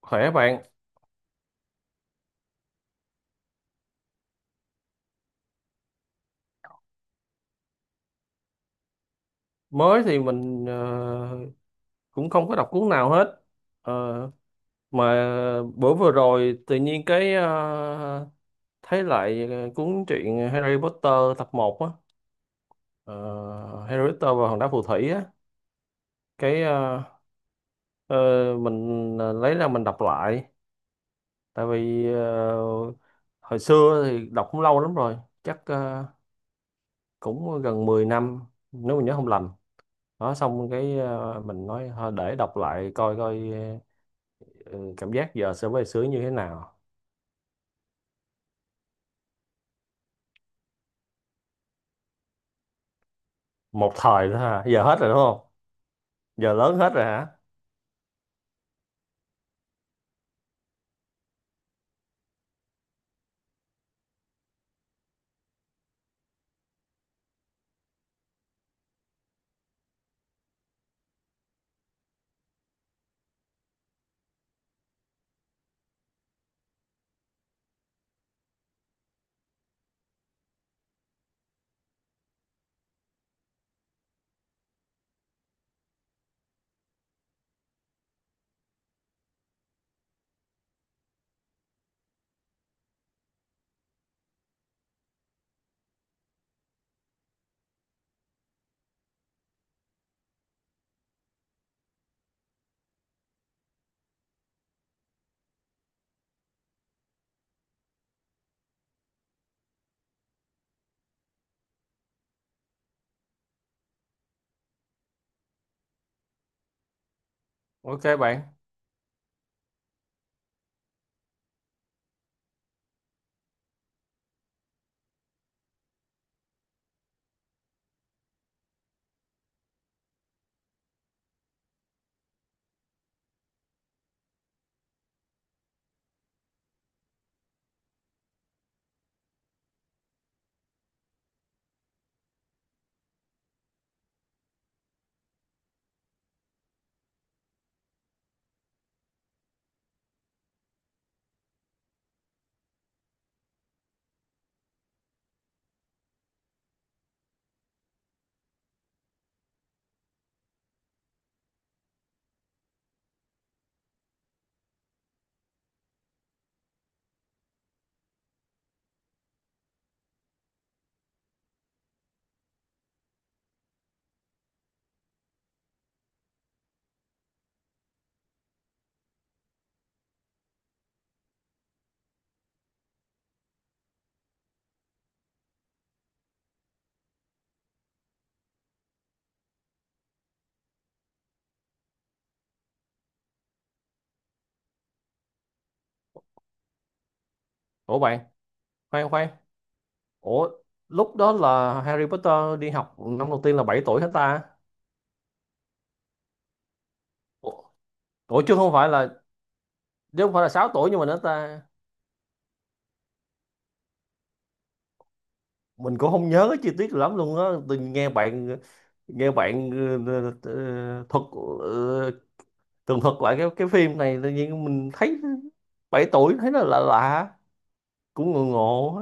Khỏe bạn. Mới thì mình cũng không có đọc cuốn nào hết. Ờ, mà bữa vừa rồi tự nhiên cái thấy lại cuốn truyện Harry Potter tập 1 á. Ờ, Harry Potter và Hòn đá phù thủy á, cái ờ, mình lấy ra mình đọc lại. Tại vì hồi xưa thì đọc cũng lâu lắm rồi, chắc cũng gần 10 năm nếu mình nhớ không lầm đó. Xong cái mình nói thôi để đọc lại coi coi. Ừ, cảm giác giờ so với xưa như thế nào? Một thời thôi hả, giờ hết rồi đúng không? Giờ lớn hết rồi hả? Ok bạn. Ủa bạn, khoan khoan, ủa, lúc đó là Harry Potter đi học năm đầu tiên là 7 tuổi hết ta? Ủa, ủa chứ không phải là, chứ không phải là 6 tuổi nhưng mà nữa ta? Mình cũng không nhớ cái chi tiết lắm luôn á, tôi nghe bạn, nghe bạn thuật, ờ, tường thuật lại cái phim này tự nhiên mình thấy 7 tuổi thấy nó lạ lạ, cũng ngộ ngộ.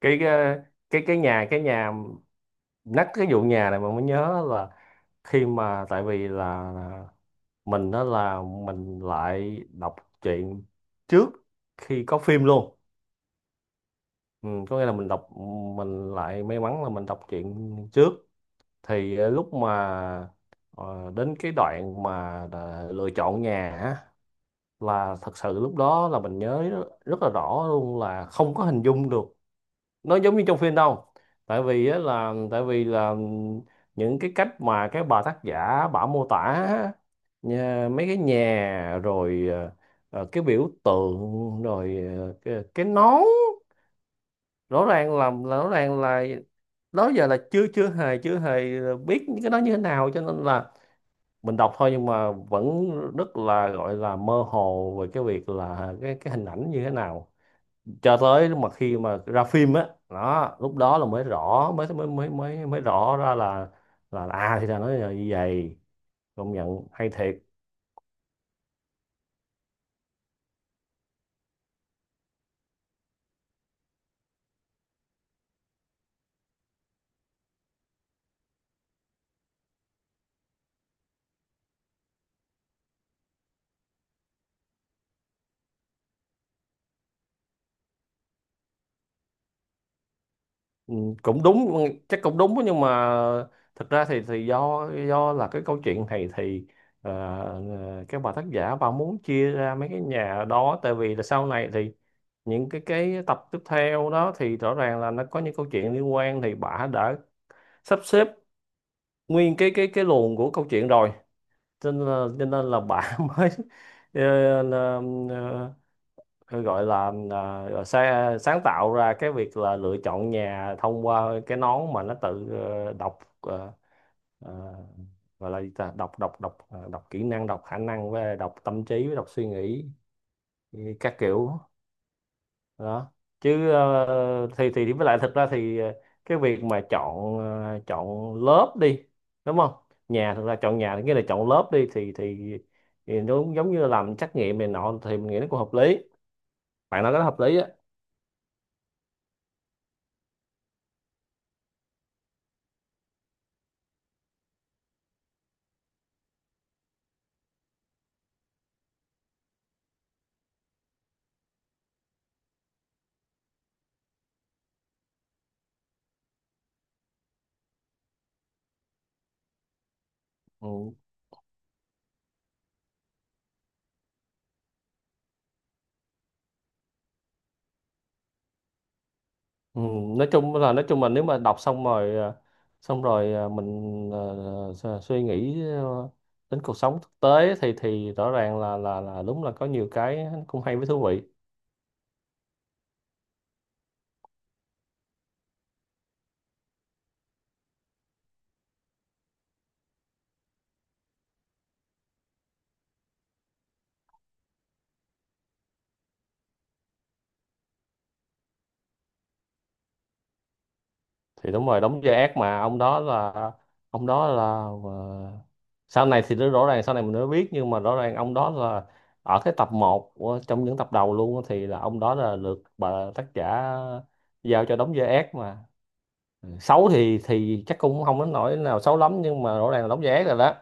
Cái cái cái cái nhà, cái nhà, nhắc cái vụ nhà này mà mới nhớ là khi mà, tại vì là mình đó là mình lại đọc truyện trước khi có phim luôn. Ừ, có nghĩa là mình đọc, mình lại may mắn là mình đọc truyện trước. Thì lúc mà ờ, đến cái đoạn mà đã lựa chọn nhà á, là thật sự lúc đó là mình nhớ rất là rõ luôn là không có hình dung được nó giống như trong phim đâu. Tại vì á là tại vì là những cái cách mà cái bà tác giả bà mô tả á, nhà, mấy cái nhà rồi cái biểu tượng rồi cái nón. Rõ ràng là rõ ràng là đó giờ là chưa chưa hề chưa hề biết những cái đó như thế nào, cho nên là mình đọc thôi nhưng mà vẫn rất là gọi là mơ hồ về cái việc là cái hình ảnh như thế nào, cho tới lúc mà khi mà ra phim á đó lúc đó là mới rõ, mới mới mới mới mới rõ ra là à thì ra nó là như vậy. Công nhận hay thiệt. Ừ, cũng đúng, chắc cũng đúng, nhưng mà thật ra thì do là cái câu chuyện này thì ờ, các bà tác giả bà muốn chia ra mấy cái nhà đó tại vì là sau này thì những cái tập tiếp theo đó thì rõ ràng là nó có những câu chuyện liên quan thì bà đã sắp xếp nguyên cái luồng của câu chuyện rồi. Cho nên là, cho nên là bạn mới là, ờ, gọi là gọi sáng tạo ra cái việc là lựa chọn nhà thông qua cái nón mà nó tự đọc, ờ, gọi là gì ta, đọc đọc đọc đọc kỹ năng, đọc khả năng với đọc tâm trí với đọc suy nghĩ các kiểu đó. Chứ thì với lại thật ra thì cái việc mà chọn, chọn lớp đi, đúng không? Nhà, thật ra chọn nhà thì nghĩa là chọn lớp đi thì nó cũng giống như là làm trắc nghiệm này nọ thì mình nghĩ nó cũng hợp lý. Bạn nói cái đó hợp lý á. Ừ. Ừ. Nói chung là, nói chung là nếu mà đọc xong rồi xong rồi mình ờ, suy nghĩ đến cuộc sống thực tế thì rõ ràng là là đúng là có nhiều cái cũng hay với thú vị. Thì đúng rồi, đóng vai ác mà, ông đó là, ông đó là ờ, sau này thì nó rõ ràng, sau này mình mới biết, nhưng mà rõ ràng ông đó là ở cái tập 1, trong những tập đầu luôn á, thì là ông đó là được bà tác giả giao cho đóng vai ác mà. Ừ. Xấu thì chắc cũng không đến nỗi nào xấu lắm nhưng mà rõ ràng là đóng vai ác rồi đó.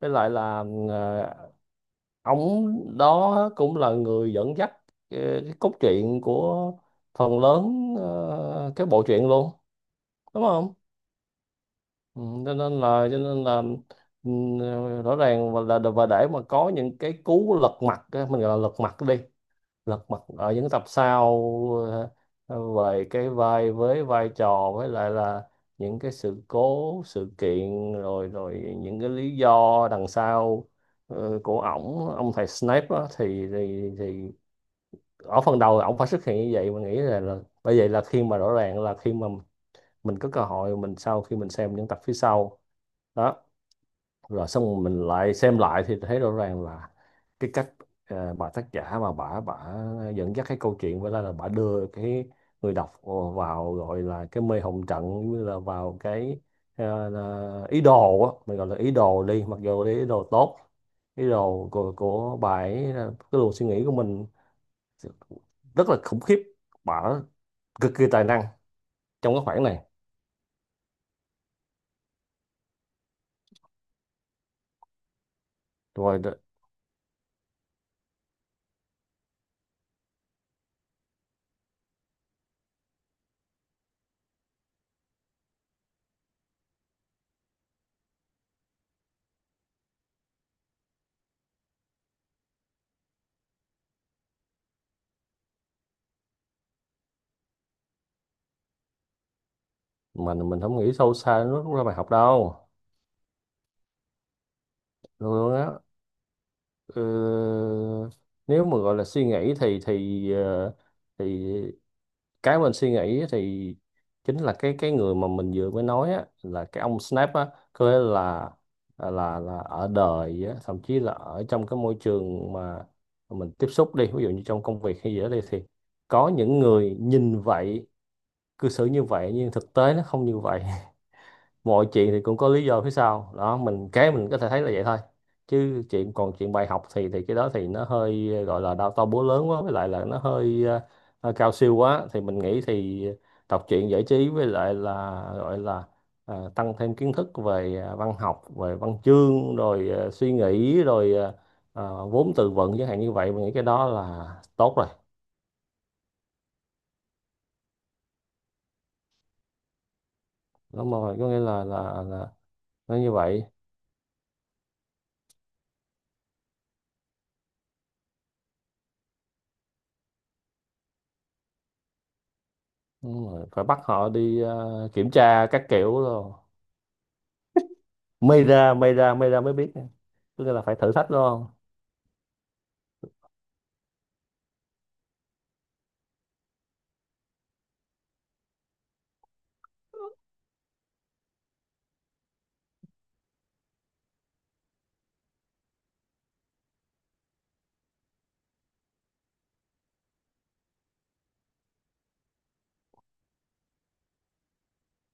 Với lại là ông đó cũng là người dẫn dắt cái, cái cốt truyện của phần lớn cái bộ truyện luôn, đúng không? Ừ, cho nên là, cho nên là, ừ, rõ ràng và là và để mà có những cái cú lật mặt á, mình gọi là lật mặt đi, lật mặt ở những tập sau, ờ, về cái vai, với vai trò, với lại là những cái sự cố, sự kiện rồi rồi những cái lý do đằng sau của ổng, ông thầy Snape á, thì ở phần đầu ổng phải xuất hiện như vậy mình nghĩ là bởi vậy là khi mà, rõ ràng là khi mà mình có cơ hội, mình sau khi mình xem những tập phía sau đó, rồi xong mình lại xem lại thì thấy rõ ràng là cái cách bà tác giả mà bà dẫn dắt cái câu chuyện với lại là bà đưa cái người đọc vào gọi là cái mê hồn trận, như là vào cái là ý đồ á, mình gọi là ý đồ đi, mặc dù là ý đồ tốt, ý đồ của bà ấy là cái luồng suy nghĩ của mình rất là khủng khiếp. Bà cực kỳ tài năng trong cái khoảng này. Rồi đó. Mình, không nghĩ sâu xa nó rút ra bài học đâu luôn á. Ờ, nếu mà gọi là suy nghĩ thì thì cái mình suy nghĩ thì chính là cái người mà mình vừa mới nói á, là cái ông Snap á. Có nghĩa là, à, là, là ở đời á, thậm chí là ở trong cái môi trường mà mình tiếp xúc đi, ví dụ như trong công việc hay gì đó đi, thì có những người nhìn vậy, cư xử như vậy nhưng thực tế nó không như vậy. Mọi chuyện thì cũng có lý do phía sau đó, mình cái mình có thể thấy là vậy thôi. Chứ chuyện, còn chuyện bài học thì cái đó thì nó hơi gọi là đau to búa lớn quá, với lại là nó hơi cao siêu quá thì mình nghĩ thì đọc truyện giải trí với lại là gọi là tăng thêm kiến thức về văn học, về văn chương rồi suy nghĩ rồi vốn từ vựng chẳng hạn như vậy mình nghĩ cái đó là tốt rồi. Đúng rồi, có nghĩa là nó như vậy. Đúng rồi. Phải bắt họ đi kiểm tra các kiểu rồi may ra, may ra, may ra mới biết. Có nghĩa là phải thử thách đúng không?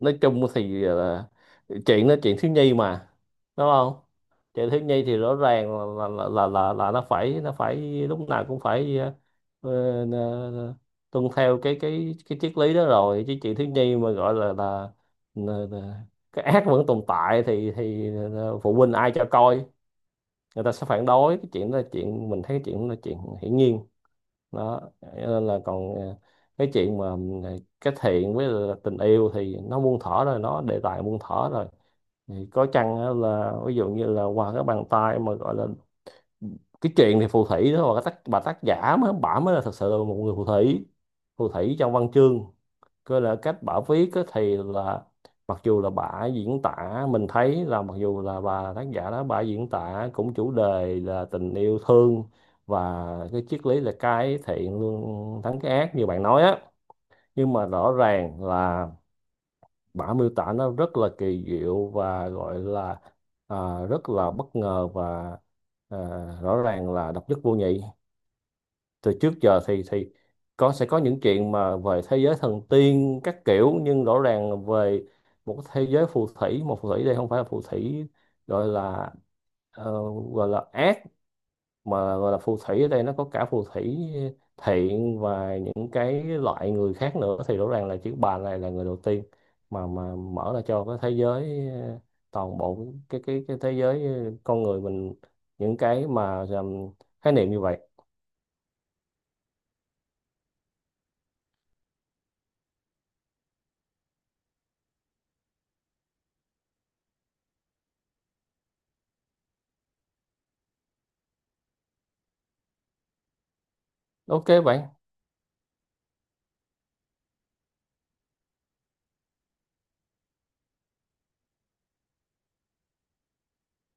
Nói chung thì là chuyện, nó chuyện thiếu nhi mà, đúng không? Chuyện thiếu nhi thì rõ ràng là là nó phải, nó phải lúc nào cũng phải ờ, ờ, tuân theo cái triết lý đó rồi. Chứ chuyện thiếu nhi mà gọi là cái ác vẫn tồn tại thì phụ huynh ai cho coi, người ta sẽ phản đối cái chuyện đó, là chuyện mình thấy cái chuyện đó là chuyện hiển nhiên đó. Nên là còn cái chuyện mà cái thiện với là tình yêu thì nó muôn thuở rồi, nó đề tài muôn thuở rồi. Thì có chăng á là ví dụ như là qua cái bàn tay mà gọi là cái chuyện thì phù thủy đó và cái tác, bà tác giả mới, bả mới là thật sự là một người phù thủy, phù thủy trong văn chương cơ, là cách bà viết á, thì là mặc dù là bà diễn tả, mình thấy là mặc dù là bà tác giả đó bà diễn tả cũng chủ đề là tình yêu thương và cái triết lý là cái thiện luôn thắng cái ác như bạn nói á, nhưng mà rõ ràng là bà miêu tả nó rất là kỳ diệu và gọi là, à, rất là bất ngờ và, à, rõ ràng là độc nhất vô nhị. Từ trước giờ thì có, sẽ có những chuyện mà về thế giới thần tiên các kiểu nhưng rõ ràng về một cái thế giới phù thủy, một phù thủy đây không phải là phù thủy gọi là ờ, gọi là ác, mà gọi là phù thủy ở đây nó có cả phù thủy thiện và những cái loại người khác nữa, thì rõ ràng là chữ bà này là người đầu tiên mà mở ra cho cái thế giới, toàn bộ cái thế giới con người mình những cái mà khái niệm như vậy. Ok bạn.